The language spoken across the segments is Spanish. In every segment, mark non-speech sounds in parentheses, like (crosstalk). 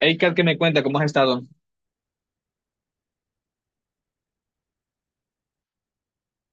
Hey, Kat, ¿qué me cuenta? ¿Cómo has estado?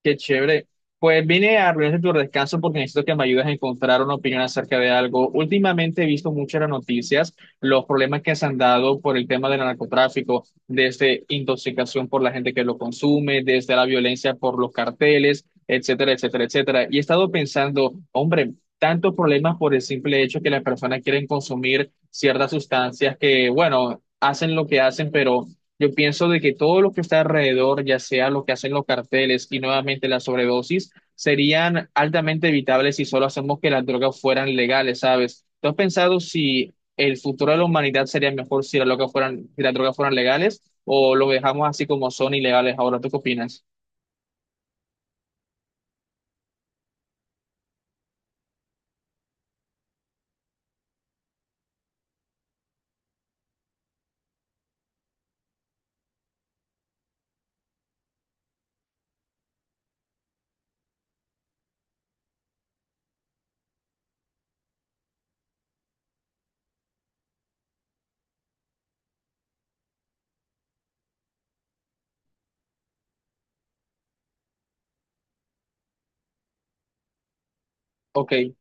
Qué chévere. Pues vine a arruinarte tu descanso porque necesito que me ayudes a encontrar una opinión acerca de algo. Últimamente he visto muchas las noticias, los problemas que se han dado por el tema del narcotráfico, desde intoxicación por la gente que lo consume, desde la violencia por los carteles, etcétera, etcétera, etcétera. Y he estado pensando, hombre, tantos problemas por el simple hecho que las personas quieren consumir ciertas sustancias que, bueno, hacen lo que hacen, pero yo pienso de que todo lo que está alrededor, ya sea lo que hacen los carteles y nuevamente la sobredosis, serían altamente evitables si solo hacemos que las drogas fueran legales, ¿sabes? ¿Tú has pensado si el futuro de la humanidad sería mejor si las drogas fueran, si las drogas fueran legales o lo dejamos así como son ilegales ahora? ¿Tú qué opinas? Ok.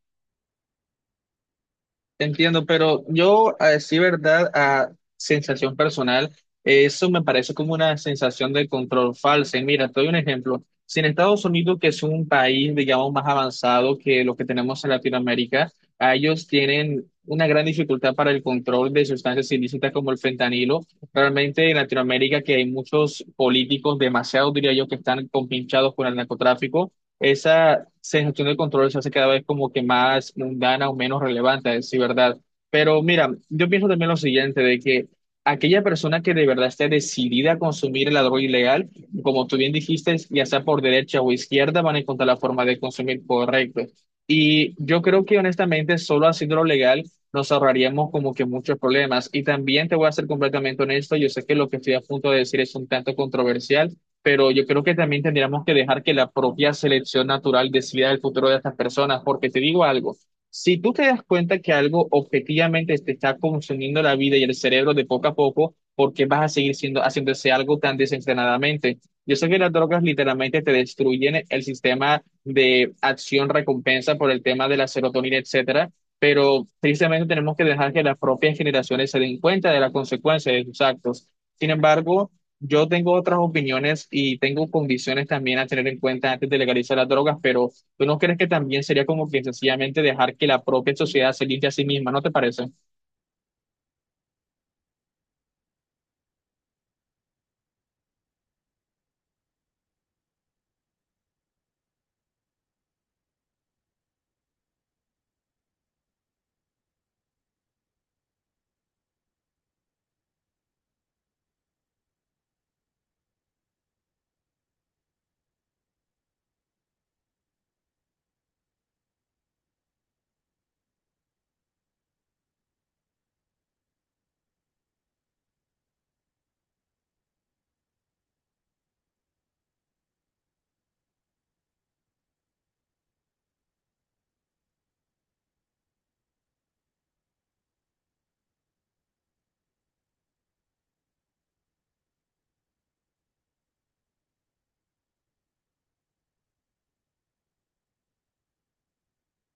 Te entiendo, pero yo, a decir verdad, a sensación personal, eso me parece como una sensación de control falsa. Y mira, te doy un ejemplo. Si en Estados Unidos, que es un país, digamos, más avanzado que lo que tenemos en Latinoamérica, a ellos tienen una gran dificultad para el control de sustancias ilícitas como el fentanilo. Realmente en Latinoamérica, que hay muchos políticos, demasiado diría yo, que están compinchados con el narcotráfico, esa sensación de control se hace cada vez como que más mundana o menos relevante, sí, ¿verdad? Pero mira, yo pienso también lo siguiente, de que aquella persona que de verdad esté decidida a consumir la droga ilegal, como tú bien dijiste, ya sea por derecha o izquierda, van a encontrar la forma de consumir correcto. Y yo creo que honestamente, solo haciéndolo legal, nos ahorraríamos como que muchos problemas. Y también te voy a ser completamente honesto, yo sé que lo que estoy a punto de decir es un tanto controversial, pero yo creo que también tendríamos que dejar que la propia selección natural decida el futuro de estas personas, porque te digo algo, si tú te das cuenta que algo objetivamente te está consumiendo la vida y el cerebro de poco a poco, ¿por qué vas a seguir siendo, haciendo ese algo tan desenfrenadamente? Yo sé que las drogas literalmente te destruyen el sistema de acción-recompensa por el tema de la serotonina, etcétera, pero tristemente tenemos que dejar que las propias generaciones se den cuenta de la consecuencia de sus actos. Sin embargo, yo tengo otras opiniones y tengo condiciones también a tener en cuenta antes de legalizar las drogas, pero ¿tú no crees que también sería como que sencillamente dejar que la propia sociedad se limpie a sí misma? ¿No te parece?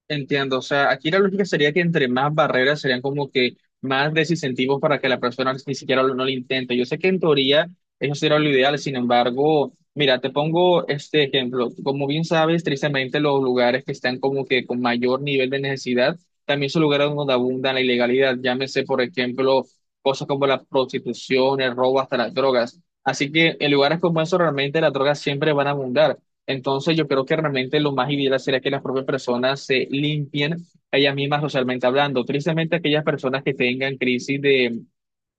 Entiendo, o sea, aquí la lógica sería que entre más barreras serían como que más desincentivos para que la persona ni siquiera no lo intente. Yo sé que en teoría eso sería lo ideal, sin embargo, mira, te pongo este ejemplo. Como bien sabes, tristemente los lugares que están como que con mayor nivel de necesidad también son lugares donde abunda la ilegalidad. Llámese, por ejemplo, cosas como la prostitución, el robo, hasta las drogas. Así que en lugares como esos realmente las drogas siempre van a abundar. Entonces, yo creo que realmente lo más ideal sería que las propias personas se limpien ellas mismas socialmente hablando. Tristemente, aquellas personas que tengan crisis de,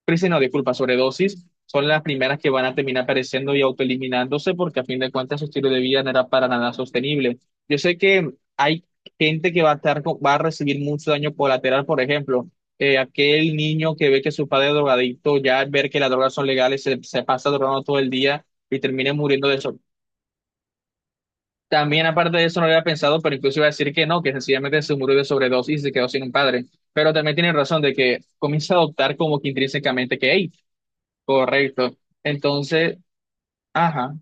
crisis no, disculpa, sobredosis, son las primeras que van a terminar apareciendo y autoeliminándose porque a fin de cuentas su estilo de vida no era para nada sostenible. Yo sé que hay gente que va a estar, va a recibir mucho daño colateral, por ejemplo. Aquel niño que ve que su padre es drogadicto, ya al ver que las drogas son legales, se pasa drogando todo el día y termina muriendo también, aparte de eso, no lo había pensado, pero incluso iba a decir que no, que sencillamente se murió de sobredosis y se quedó sin un padre. Pero también tiene razón de que comienza a adoptar como que intrínsecamente que, hey, correcto. Entonces, ajá.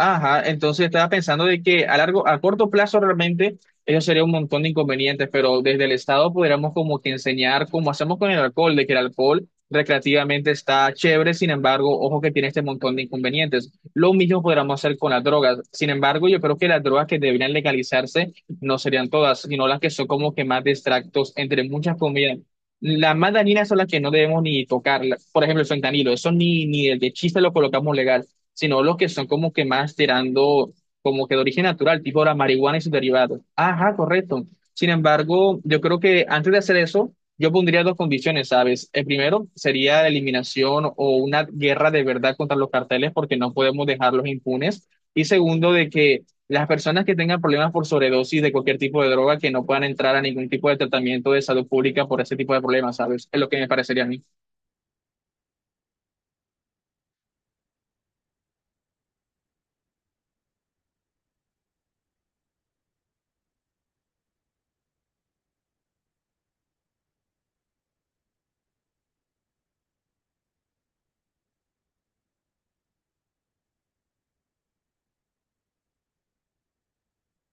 Ajá, entonces estaba pensando de que a largo, a corto plazo realmente eso sería un montón de inconvenientes, pero desde el Estado podríamos como que enseñar como hacemos con el alcohol, de que el alcohol recreativamente está chévere, sin embargo, ojo que tiene este montón de inconvenientes. Lo mismo podríamos hacer con las drogas. Sin embargo, yo creo que las drogas que deberían legalizarse no serían todas, sino las que son como que más distractos entre muchas comidas. Las más dañinas son las que no debemos ni tocar. Por ejemplo, el fentanilo, eso ni, ni de chiste lo colocamos legal, sino los que son como que más tirando como que de origen natural, tipo la marihuana y sus derivados. Ajá, correcto. Sin embargo, yo creo que antes de hacer eso, yo pondría dos condiciones, ¿sabes? El primero sería la eliminación o una guerra de verdad contra los carteles porque no podemos dejarlos impunes. Y segundo, de que las personas que tengan problemas por sobredosis de cualquier tipo de droga que no puedan entrar a ningún tipo de tratamiento de salud pública por ese tipo de problemas, ¿sabes? Es lo que me parecería a mí.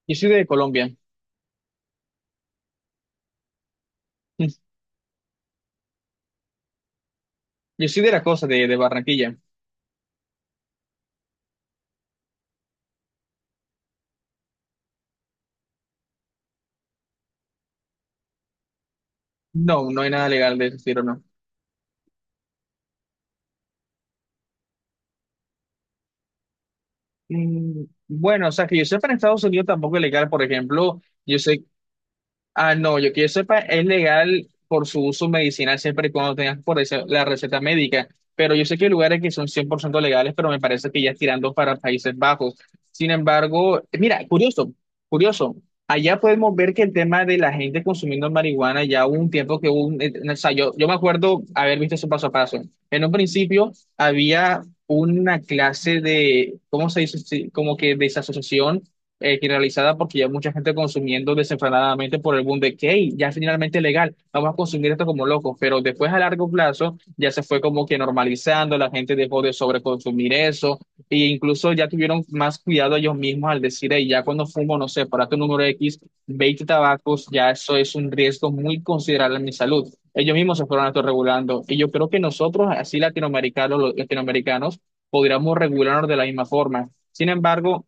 Yo soy de Colombia. (laughs) Yo soy de la cosa de Barranquilla. No, no hay nada legal de ese estilo, no. Mm, bueno, o sea, que yo sepa en Estados Unidos tampoco es legal, por ejemplo, yo sé. Ah, no, yo que yo sepa, es legal por su uso medicinal siempre y cuando tengas por eso la receta médica. Pero yo sé que hay lugares que son 100% legales, pero me parece que ya es tirando para Países Bajos. Sin embargo, mira, curioso, curioso. Allá podemos ver que el tema de la gente consumiendo marihuana ya hubo un tiempo que hubo un, o sea, yo me acuerdo haber visto eso paso a paso. En un principio había una clase de, ¿cómo se dice? Sí, como que desasociación que realizada porque ya mucha gente consumiendo desenfrenadamente por el boom de que: "Hey, ya es finalmente legal, vamos a consumir esto como locos", pero después a largo plazo ya se fue como que normalizando, la gente dejó de sobreconsumir eso e incluso ya tuvieron más cuidado ellos mismos al decir: "Hey, ya cuando fumo, no sé, para tu número X, 20 tabacos, ya eso es un riesgo muy considerable en mi salud". Ellos mismos se fueron autorregulando y yo creo que nosotros, así latinoamericanos, los latinoamericanos, podríamos regularnos de la misma forma. Sin embargo,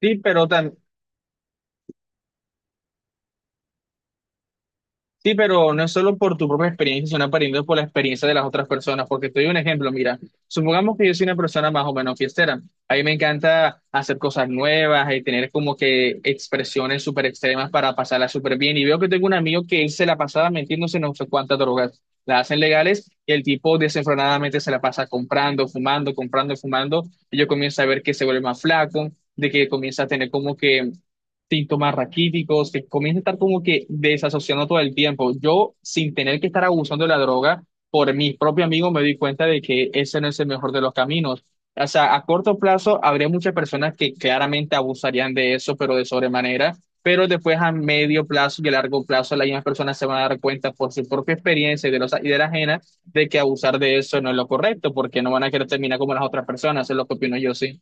Sí, pero tam- sí, pero no es solo por tu propia experiencia, sino aprendiendo por la experiencia de las otras personas. Porque te doy un ejemplo, mira, supongamos que yo soy una persona más o menos fiestera. A mí me encanta hacer cosas nuevas y tener como que expresiones súper extremas para pasarla súper bien. Y veo que tengo un amigo que él se la pasaba metiéndose en no sé cuántas drogas. Las hacen legales y el tipo desenfrenadamente se la pasa comprando, fumando, comprando, fumando. Y yo comienzo a ver que se vuelve más flaco, de que comienza a tener como que síntomas raquíticos, que comienza a estar como que desasociando todo el tiempo. Yo, sin tener que estar abusando de la droga, por mi propio amigo me di cuenta de que ese no es el mejor de los caminos. O sea, a corto plazo habría muchas personas que claramente abusarían de eso, pero de sobremanera, pero después a medio plazo y a largo plazo las mismas personas se van a dar cuenta por su propia experiencia y de los y de la ajena de que abusar de eso no es lo correcto, porque no van a querer terminar como las otras personas, es lo que opino yo, sí.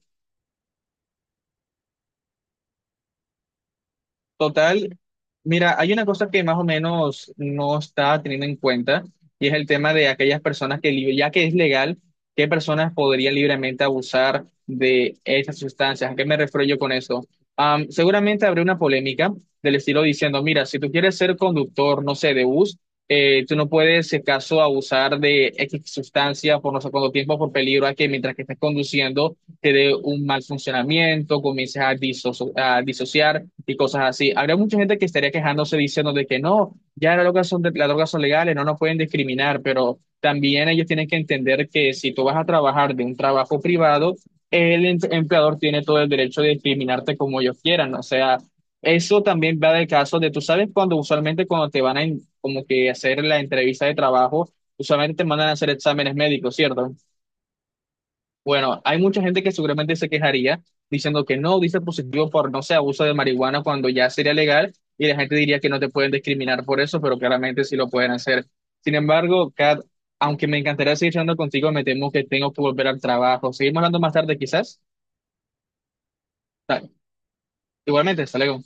Total, mira, hay una cosa que más o menos no está teniendo en cuenta y es el tema de aquellas personas que, ya que es legal, qué personas podrían libremente abusar de esas sustancias. ¿A qué me refiero yo con eso? Seguramente habrá una polémica del estilo diciendo, mira, si tú quieres ser conductor, no sé, de bus, tú no puedes, si acaso, abusar de X sustancia por no sé cuánto tiempo, por peligro a que mientras que estés conduciendo te dé un mal funcionamiento, comiences a, a disociar y cosas así. Habría mucha gente que estaría quejándose diciendo de que no, ya las drogas son, las drogas son legales, no nos pueden discriminar, pero también ellos tienen que entender que si tú vas a trabajar de un trabajo privado, empleador tiene todo el derecho de discriminarte como ellos quieran, o sea... Eso también va del caso de, tú sabes, cuando usualmente cuando te van a como que hacer la entrevista de trabajo, usualmente te mandan a hacer exámenes médicos, ¿cierto? Bueno, hay mucha gente que seguramente se quejaría diciendo que no, dice positivo por, no sé, abuso de marihuana cuando ya sería legal y la gente diría que no te pueden discriminar por eso, pero claramente sí lo pueden hacer. Sin embargo, Kat, aunque me encantaría seguir hablando contigo, me temo que tengo que volver al trabajo. Seguimos hablando más tarde quizás. Ta- Igualmente, hasta luego.